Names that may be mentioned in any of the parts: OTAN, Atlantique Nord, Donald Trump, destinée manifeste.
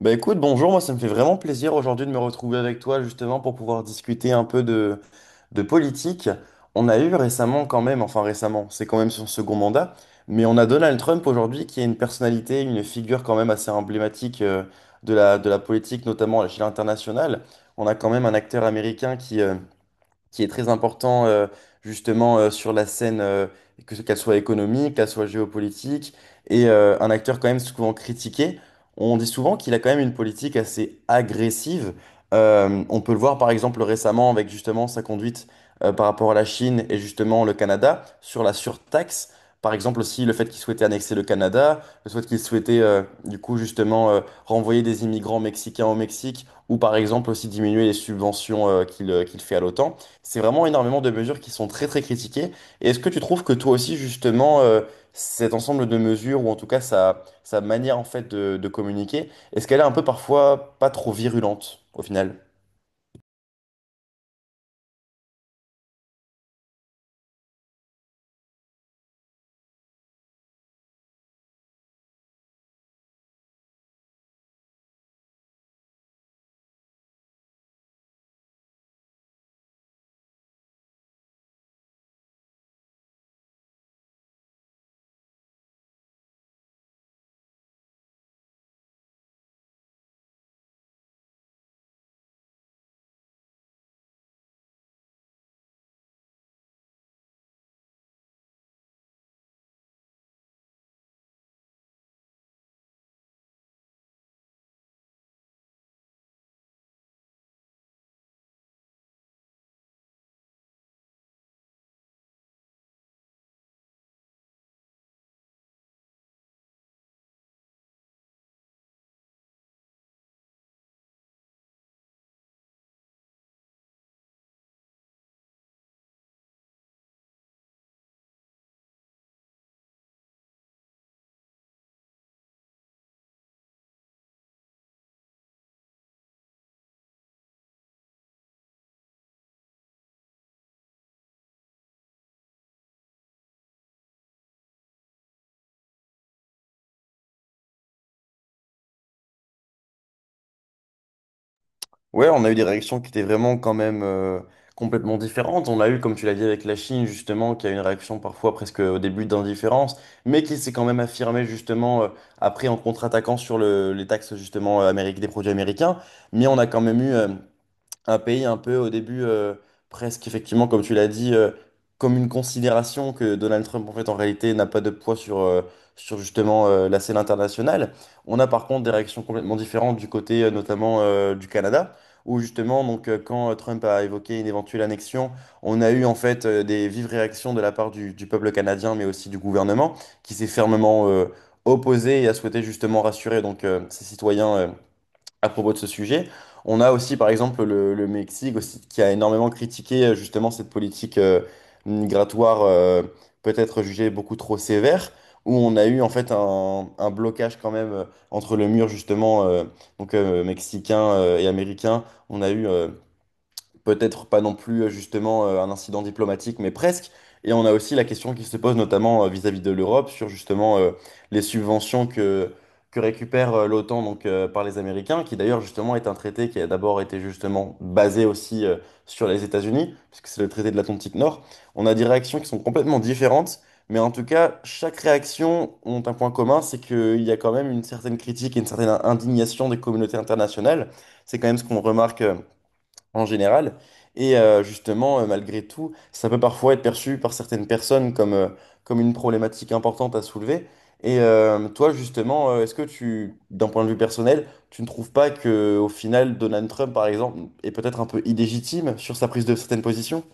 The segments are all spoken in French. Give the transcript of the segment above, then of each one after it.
Bah écoute, bonjour, moi ça me fait vraiment plaisir aujourd'hui de me retrouver avec toi justement pour pouvoir discuter un peu de politique. On a eu récemment quand même, enfin récemment, c'est quand même son second mandat, mais on a Donald Trump aujourd'hui qui est une personnalité, une figure quand même assez emblématique de la politique, notamment à l'échelle internationale. On a quand même un acteur américain qui qui est très important justement sur la scène, qu'elle soit économique, qu'elle soit géopolitique, un acteur quand même souvent critiqué. On dit souvent qu'il a quand même une politique assez agressive. On peut le voir par exemple récemment avec justement sa conduite par rapport à la Chine et justement le Canada sur la surtaxe. Par exemple aussi le fait qu'il souhaitait annexer le Canada, le fait qu'il souhaitait du coup justement renvoyer des immigrants mexicains au Mexique ou par exemple aussi diminuer les subventions qu'il fait à l'OTAN. C'est vraiment énormément de mesures qui sont très très critiquées. Et est-ce que tu trouves que toi aussi justement cet ensemble de mesures ou en tout cas sa manière en fait de communiquer, est-ce qu'elle est un peu parfois pas trop virulente au final? Ouais, on a eu des réactions qui étaient vraiment quand même complètement différentes. On l'a eu, comme tu l'as dit, avec la Chine, justement, qui a une réaction parfois presque au début d'indifférence, mais qui s'est quand même affirmée, justement, après en contre-attaquant sur les taxes, justement, des produits américains. Mais on a quand même eu un pays un peu au début, presque effectivement, comme tu l'as dit, comme une considération que Donald Trump, en fait, en réalité, n'a pas de poids sur sur justement la scène internationale. On a par contre des réactions complètement différentes du côté notamment du Canada, où justement, donc, quand Trump a évoqué une éventuelle annexion, on a eu en fait des vives réactions de la part du peuple canadien, mais aussi du gouvernement, qui s'est fermement opposé et a souhaité justement rassurer donc, ses citoyens, à propos de ce sujet. On a aussi, par exemple, le Mexique aussi, qui a énormément critiqué justement cette politique migratoire peut-être jugée beaucoup trop sévère, où on a eu en fait un blocage quand même entre le mur justement mexicain et américain. On a eu peut-être pas non plus justement un incident diplomatique, mais presque. Et on a aussi la question qui se pose notamment vis-à-vis de l'Europe sur justement les subventions que récupère l'OTAN par les Américains, qui d'ailleurs justement est un traité qui a d'abord été justement basé aussi sur les États-Unis, puisque c'est le traité de l'Atlantique Nord. On a des réactions qui sont complètement différentes. Mais en tout cas, chaque réaction ont un point commun, c'est qu'il y a quand même une certaine critique et une certaine indignation des communautés internationales. C'est quand même ce qu'on remarque en général. Malgré tout, ça peut parfois être perçu par certaines personnes comme une problématique importante à soulever. Toi, justement, est-ce que tu, d'un point de vue personnel, tu ne trouves pas que, au final, Donald Trump, par exemple, est peut-être un peu illégitime sur sa prise de certaines positions?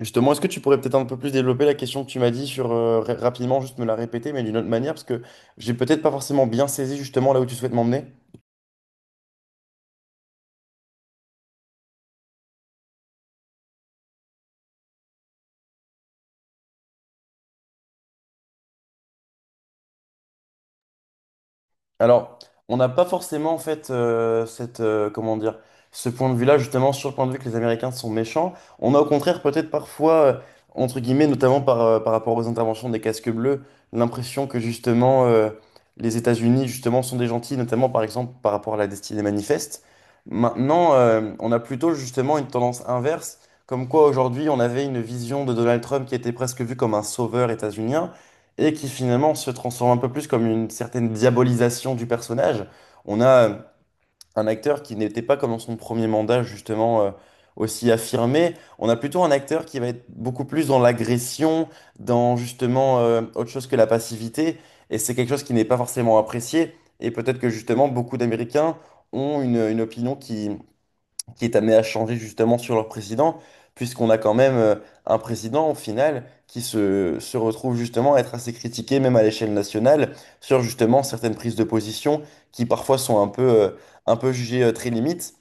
Justement, est-ce que tu pourrais peut-être un peu plus développer la question que tu m'as dit rapidement, juste me la répéter, mais d'une autre manière, parce que j'ai peut-être pas forcément bien saisi justement là où tu souhaites m'emmener. Alors, on n'a pas forcément en fait cette comment dire ce point de vue-là justement sur le point de vue que les Américains sont méchants. On a au contraire peut-être parfois entre guillemets notamment par rapport aux interventions des casques bleus l'impression que justement les États-Unis justement sont des gentils notamment par exemple par rapport à la destinée manifeste. Maintenant, on a plutôt justement une tendance inverse comme quoi aujourd'hui on avait une vision de Donald Trump qui était presque vu comme un sauveur états-unien et qui finalement se transforme un peu plus comme une certaine diabolisation du personnage. On a un acteur qui n'était pas comme dans son premier mandat justement aussi affirmé. On a plutôt un acteur qui va être beaucoup plus dans l'agression, dans justement autre chose que la passivité. Et c'est quelque chose qui n'est pas forcément apprécié. Et peut-être que justement beaucoup d'Américains ont une opinion qui est amené à changer justement sur leur président, puisqu'on a quand même un président au final qui se retrouve justement à être assez critiqué, même à l'échelle nationale, sur justement certaines prises de position qui parfois sont un peu, un peu jugées très limites.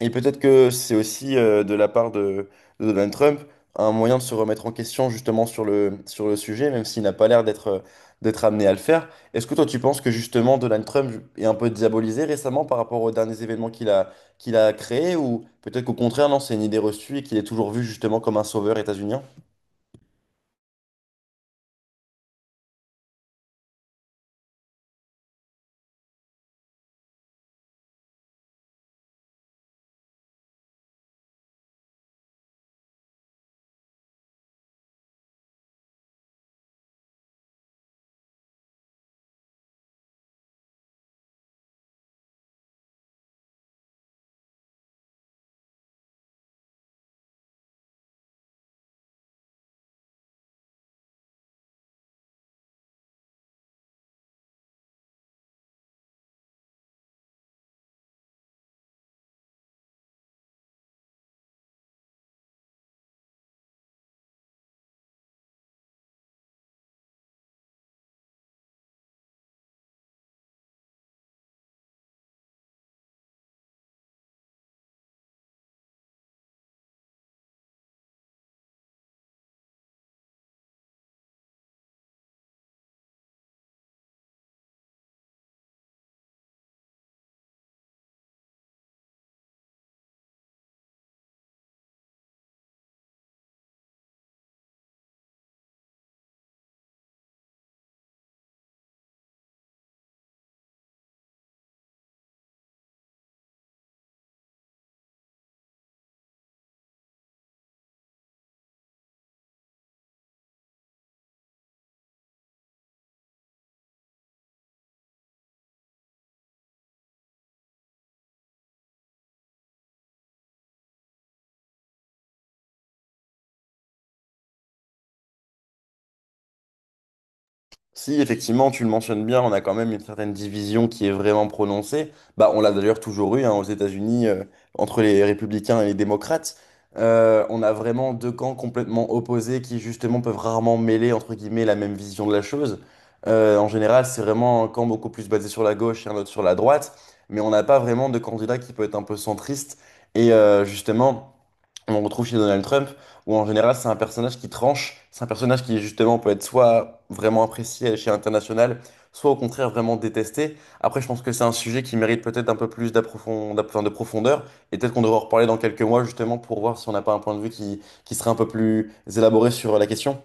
Et peut-être que c'est aussi de la part de Donald Trump un moyen de se remettre en question justement sur sur le sujet, même s'il n'a pas l'air d'être amené à le faire. Est-ce que toi tu penses que justement Donald Trump est un peu diabolisé récemment par rapport aux derniers événements qu'il a créés, ou peut-être qu'au contraire, non, c'est une idée reçue et qu'il est toujours vu justement comme un sauveur états-unien? Si effectivement tu le mentionnes bien, on a quand même une certaine division qui est vraiment prononcée. Bah, on l'a d'ailleurs toujours eu hein, aux États-Unis entre les républicains et les démocrates. On a vraiment deux camps complètement opposés qui justement peuvent rarement mêler entre guillemets la même vision de la chose. En général, c'est vraiment un camp beaucoup plus basé sur la gauche et un autre sur la droite, mais on n'a pas vraiment de candidat qui peut être un peu centriste. Justement on retrouve chez Donald Trump, où en général c'est un personnage qui tranche, c'est un personnage qui justement peut être soit vraiment apprécié à l'échelle internationale, soit au contraire vraiment détesté. Après, je pense que c'est un sujet qui mérite peut-être un peu plus enfin, de profondeur, et peut-être qu'on devrait en reparler dans quelques mois justement pour voir si on n'a pas un point de vue qui serait un peu plus élaboré sur la question.